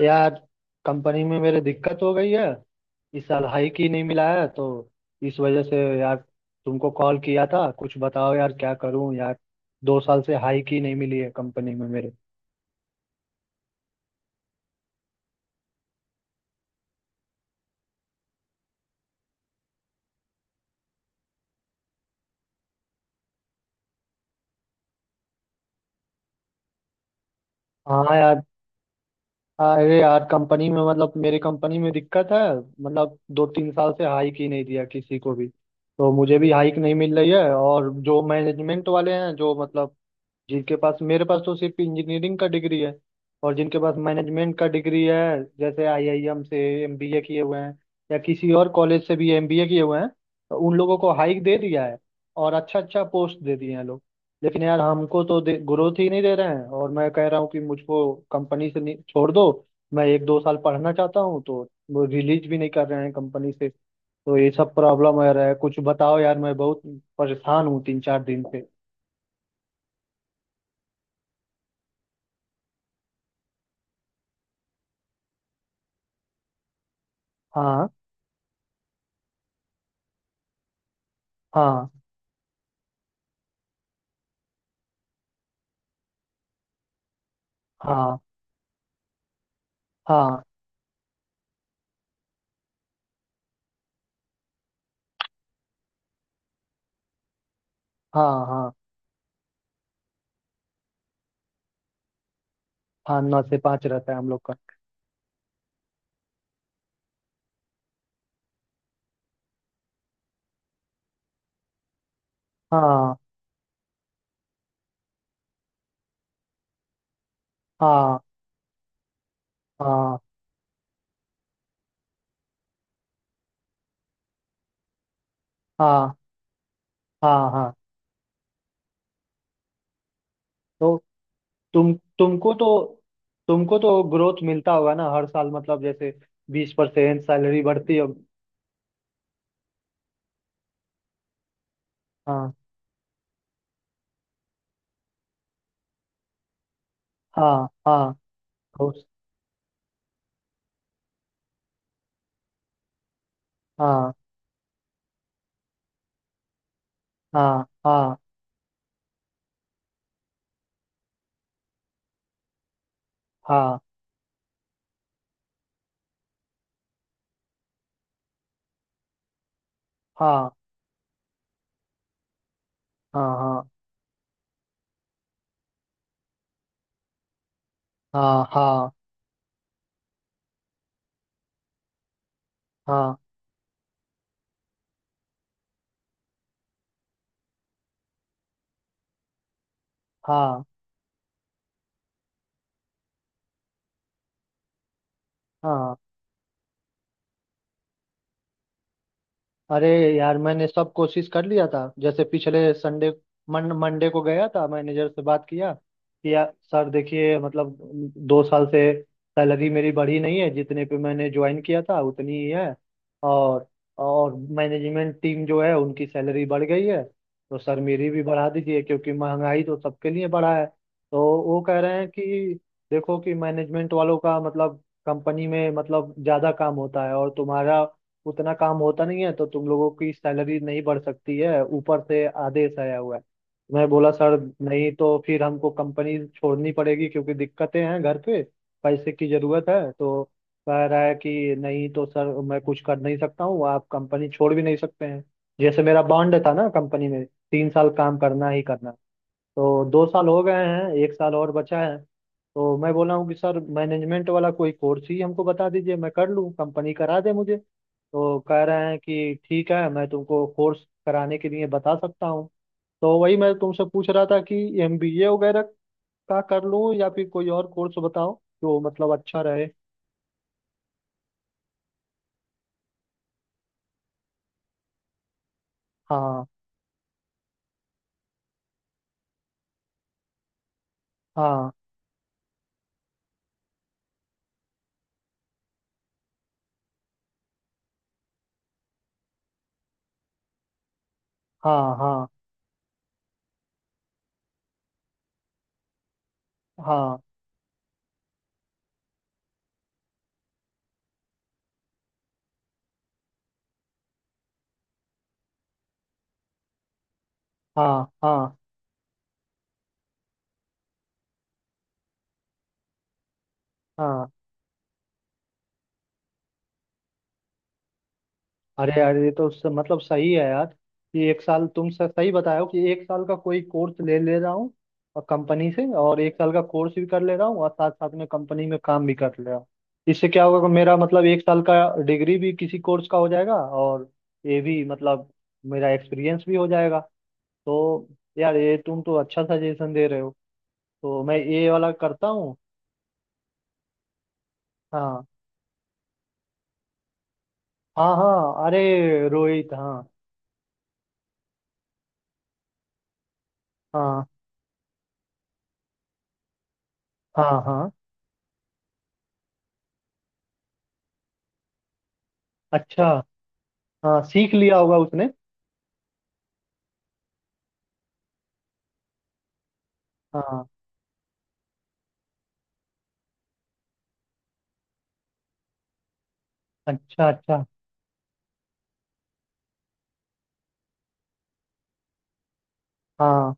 यार, कंपनी में मेरे दिक्कत हो गई है। इस साल हाइक ही नहीं मिला है तो इस वजह से यार तुमको कॉल किया था। कुछ बताओ यार, क्या करूं यार। 2 साल से हाइक ही नहीं मिली है कंपनी में मेरे। हाँ यार। अरे यार, कंपनी में मतलब मेरी कंपनी में दिक्कत है। मतलब 2-3 साल से हाइक ही नहीं दिया किसी को भी, तो मुझे भी हाइक नहीं मिल रही है। और जो मैनेजमेंट वाले हैं जो मतलब जिनके पास, मेरे पास तो सिर्फ इंजीनियरिंग का डिग्री है, और जिनके पास मैनेजमेंट का डिग्री है, जैसे आईआईएम से एमबीए किए हुए हैं या किसी और कॉलेज से भी एमबीए किए हुए हैं, तो उन लोगों को हाइक दे दिया है और अच्छा अच्छा पोस्ट दे दिए हैं लोग। लेकिन यार हमको तो ग्रोथ ही नहीं दे रहे हैं। और मैं कह रहा हूँ कि मुझको कंपनी से नहीं छोड़ दो, मैं 1-2 साल पढ़ना चाहता हूँ, तो वो रिलीज भी नहीं कर रहे हैं कंपनी से। तो ये सब प्रॉब्लम आ रहा है। कुछ बताओ यार, मैं बहुत परेशान हूँ 3-4 दिन से। हाँ। हाँ। हाँ। हाँ। हाँ। हाँ। हाँ, 9 से 5 रहता है हम लोग का। हाँ। हाँ। हाँ। हाँ। हाँ। हाँ। तो तुम तुमको तो तुमको तो ग्रोथ मिलता होगा ना हर साल, मतलब जैसे 20% सैलरी बढ़ती होगी। हाँ। हाँ। हाँ। तो हाँ। हाँ। हाँ। हाँ। हाँ। हाँ। हाँ। हाँ। हाँ। हाँ। हाँ। हाँ। अरे यार, मैंने सब कोशिश कर लिया था। जैसे पिछले संडे, मन मंडे को गया था, मैनेजर से बात किया कि यार सर देखिए, मतलब 2 साल से सैलरी मेरी बढ़ी नहीं है। जितने पे मैंने ज्वाइन किया था उतनी ही है। और और मैनेजमेंट टीम जो है उनकी सैलरी बढ़ गई है, तो सर मेरी भी बढ़ा दीजिए क्योंकि महंगाई तो सबके लिए बढ़ा है। तो वो कह रहे हैं कि देखो कि मैनेजमेंट वालों का मतलब कंपनी में मतलब ज़्यादा काम होता है और तुम्हारा उतना काम होता नहीं है, तो तुम लोगों की सैलरी नहीं बढ़ सकती है, ऊपर से आदेश आया हुआ है। मैं बोला सर नहीं तो फिर हमको कंपनी छोड़नी पड़ेगी क्योंकि दिक्कतें हैं घर पे, पैसे की जरूरत है। तो कह रहा है कि नहीं तो सर मैं कुछ कर नहीं सकता हूँ, आप कंपनी छोड़ भी नहीं सकते हैं, जैसे मेरा बॉन्ड था ना कंपनी में, 3 साल काम करना ही करना। तो 2 साल हो गए हैं, 1 साल और बचा है। तो मैं बोला हूँ कि सर मैनेजमेंट वाला कोई कोर्स ही हमको बता दीजिए, मैं कर लूँ, कंपनी करा दे मुझे। तो कह रहे हैं कि ठीक है, मैं तुमको कोर्स कराने के लिए बता सकता हूँ। तो वही मैं तुमसे पूछ रहा था कि एमबीए वगैरह का कर लूँ, या फिर कोई और कोर्स बताओ जो मतलब अच्छा रहे। हाँ। हाँ। हाँ। हाँ। हाँ। हाँ। हाँ। हाँ। अरे यार, ये तो उससे मतलब सही है यार, कि 1 साल तुम सही बताए हो कि एक साल का कोई कोर्स ले ले रहा हूँ और कंपनी से और 1 साल का कोर्स भी कर ले रहा हूँ और साथ साथ में कंपनी में काम भी कर ले रहा हूँ। इससे क्या होगा कि मेरा मतलब 1 साल का डिग्री भी किसी कोर्स का हो जाएगा और ये भी मतलब मेरा एक्सपीरियंस भी हो जाएगा। तो यार ये तुम तो अच्छा सजेशन दे रहे हो, तो मैं ये वाला करता हूँ। हाँ। हाँ हाँ, अरे रोहित हाँ। हाँ। हाँ। हाँ। अच्छा। हाँ, सीख लिया होगा उसने। हाँ। अच्छा अच्छा। हाँ।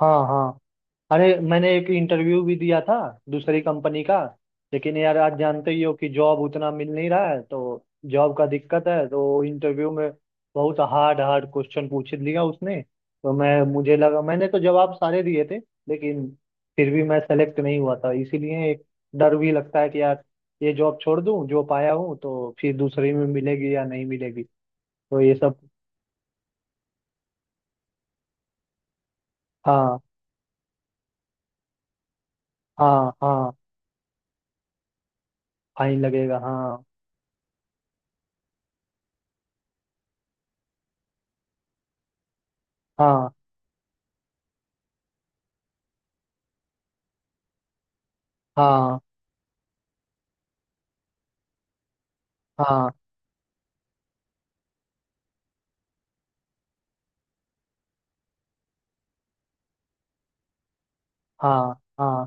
हाँ। हाँ। अरे, मैंने एक इंटरव्यू भी दिया था दूसरी कंपनी का, लेकिन यार आज जानते ही हो कि जॉब उतना मिल नहीं रहा है, तो जॉब का दिक्कत है। तो इंटरव्यू में बहुत हार्ड हार्ड क्वेश्चन पूछ लिया उसने। तो मैं, मुझे लगा मैंने तो जवाब सारे दिए थे, लेकिन फिर भी मैं सेलेक्ट नहीं हुआ था। इसीलिए एक डर भी लगता है कि यार, ये जॉब छोड़ दूं जो पाया हूँ, तो फिर दूसरी में मिलेगी या नहीं मिलेगी। तो ये सब। हाँ। हाँ। हाँ, फाइन लगेगा हाँ। हाँ। हाँ। हाँ। हाँ। हाँ।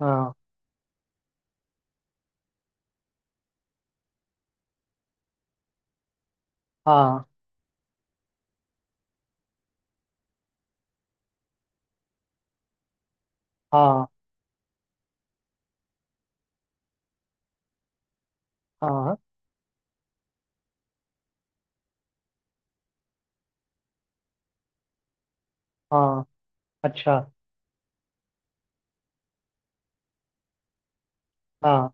हाँ। हाँ। हाँ। हाँ। हाँ। अच्छा। हाँ।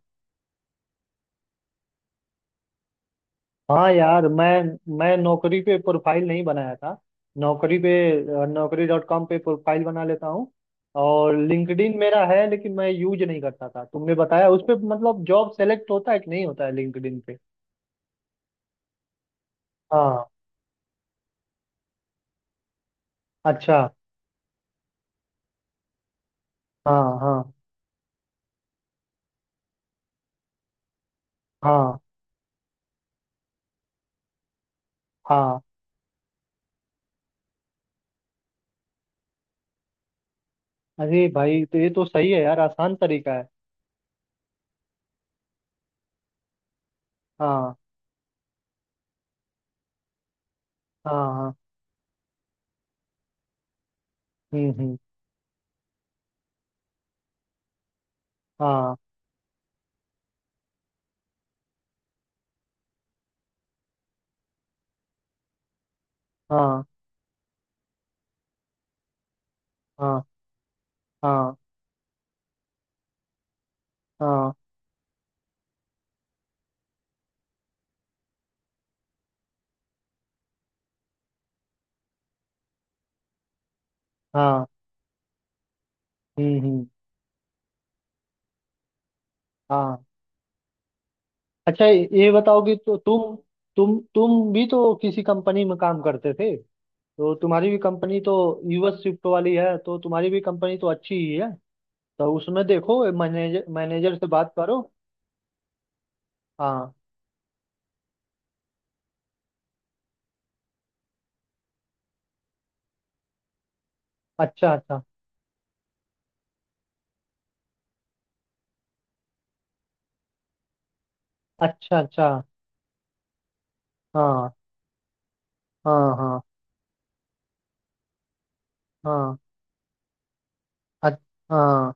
हाँ यार, मैं नौकरी पे प्रोफाइल नहीं बनाया था। नौकरी पे, नौकरी.com पे प्रोफाइल बना लेता हूँ। और लिंक्डइन मेरा है लेकिन मैं यूज नहीं करता था। तुमने बताया, उस पे मतलब जॉब सेलेक्ट होता है कि नहीं होता है लिंक्डइन पे? हाँ। अच्छा। हाँ। हाँ। हाँ। हाँ। अरे भाई, तो ये तो सही है यार, आसान तरीका है। हाँ। हाँ। हाँ। हम्म। हम्म। हाँ। हाँ। हाँ। हाँ। हाँ। हाँ। हम्म। हम्म। हाँ। अच्छा ये बताओ कि तो तुम भी तो किसी कंपनी में काम करते थे, तो तुम्हारी भी कंपनी तो यूएस शिफ्ट वाली है, तो तुम्हारी भी कंपनी तो अच्छी ही है। तो उसमें देखो मैनेजर मैनेजर से बात करो। हाँ। अच्छा अच्छा। अच्छा अच्छा। हाँ। हाँ। हाँ। हाँ। अच्छा। हाँ।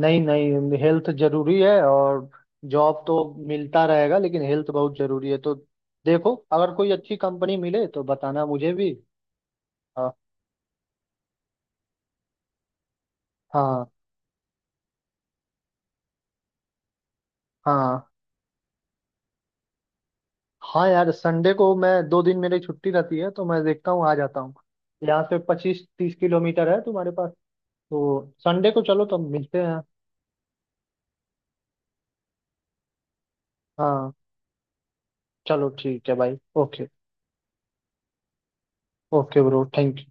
नहीं नहीं, हेल्थ जरूरी है और जॉब तो मिलता रहेगा, लेकिन हेल्थ बहुत जरूरी है। तो देखो अगर कोई अच्छी कंपनी मिले तो बताना मुझे भी। हाँ। हाँ। हाँ। हाँ यार, संडे को, मैं 2 दिन मेरी छुट्टी रहती है तो मैं देखता हूँ, आ जाता हूँ। यहाँ से 25-30 किलोमीटर है तुम्हारे पास। तो संडे को चलो तो मिलते हैं। हाँ। चलो ठीक है भाई, okay. Okay bro, thank you.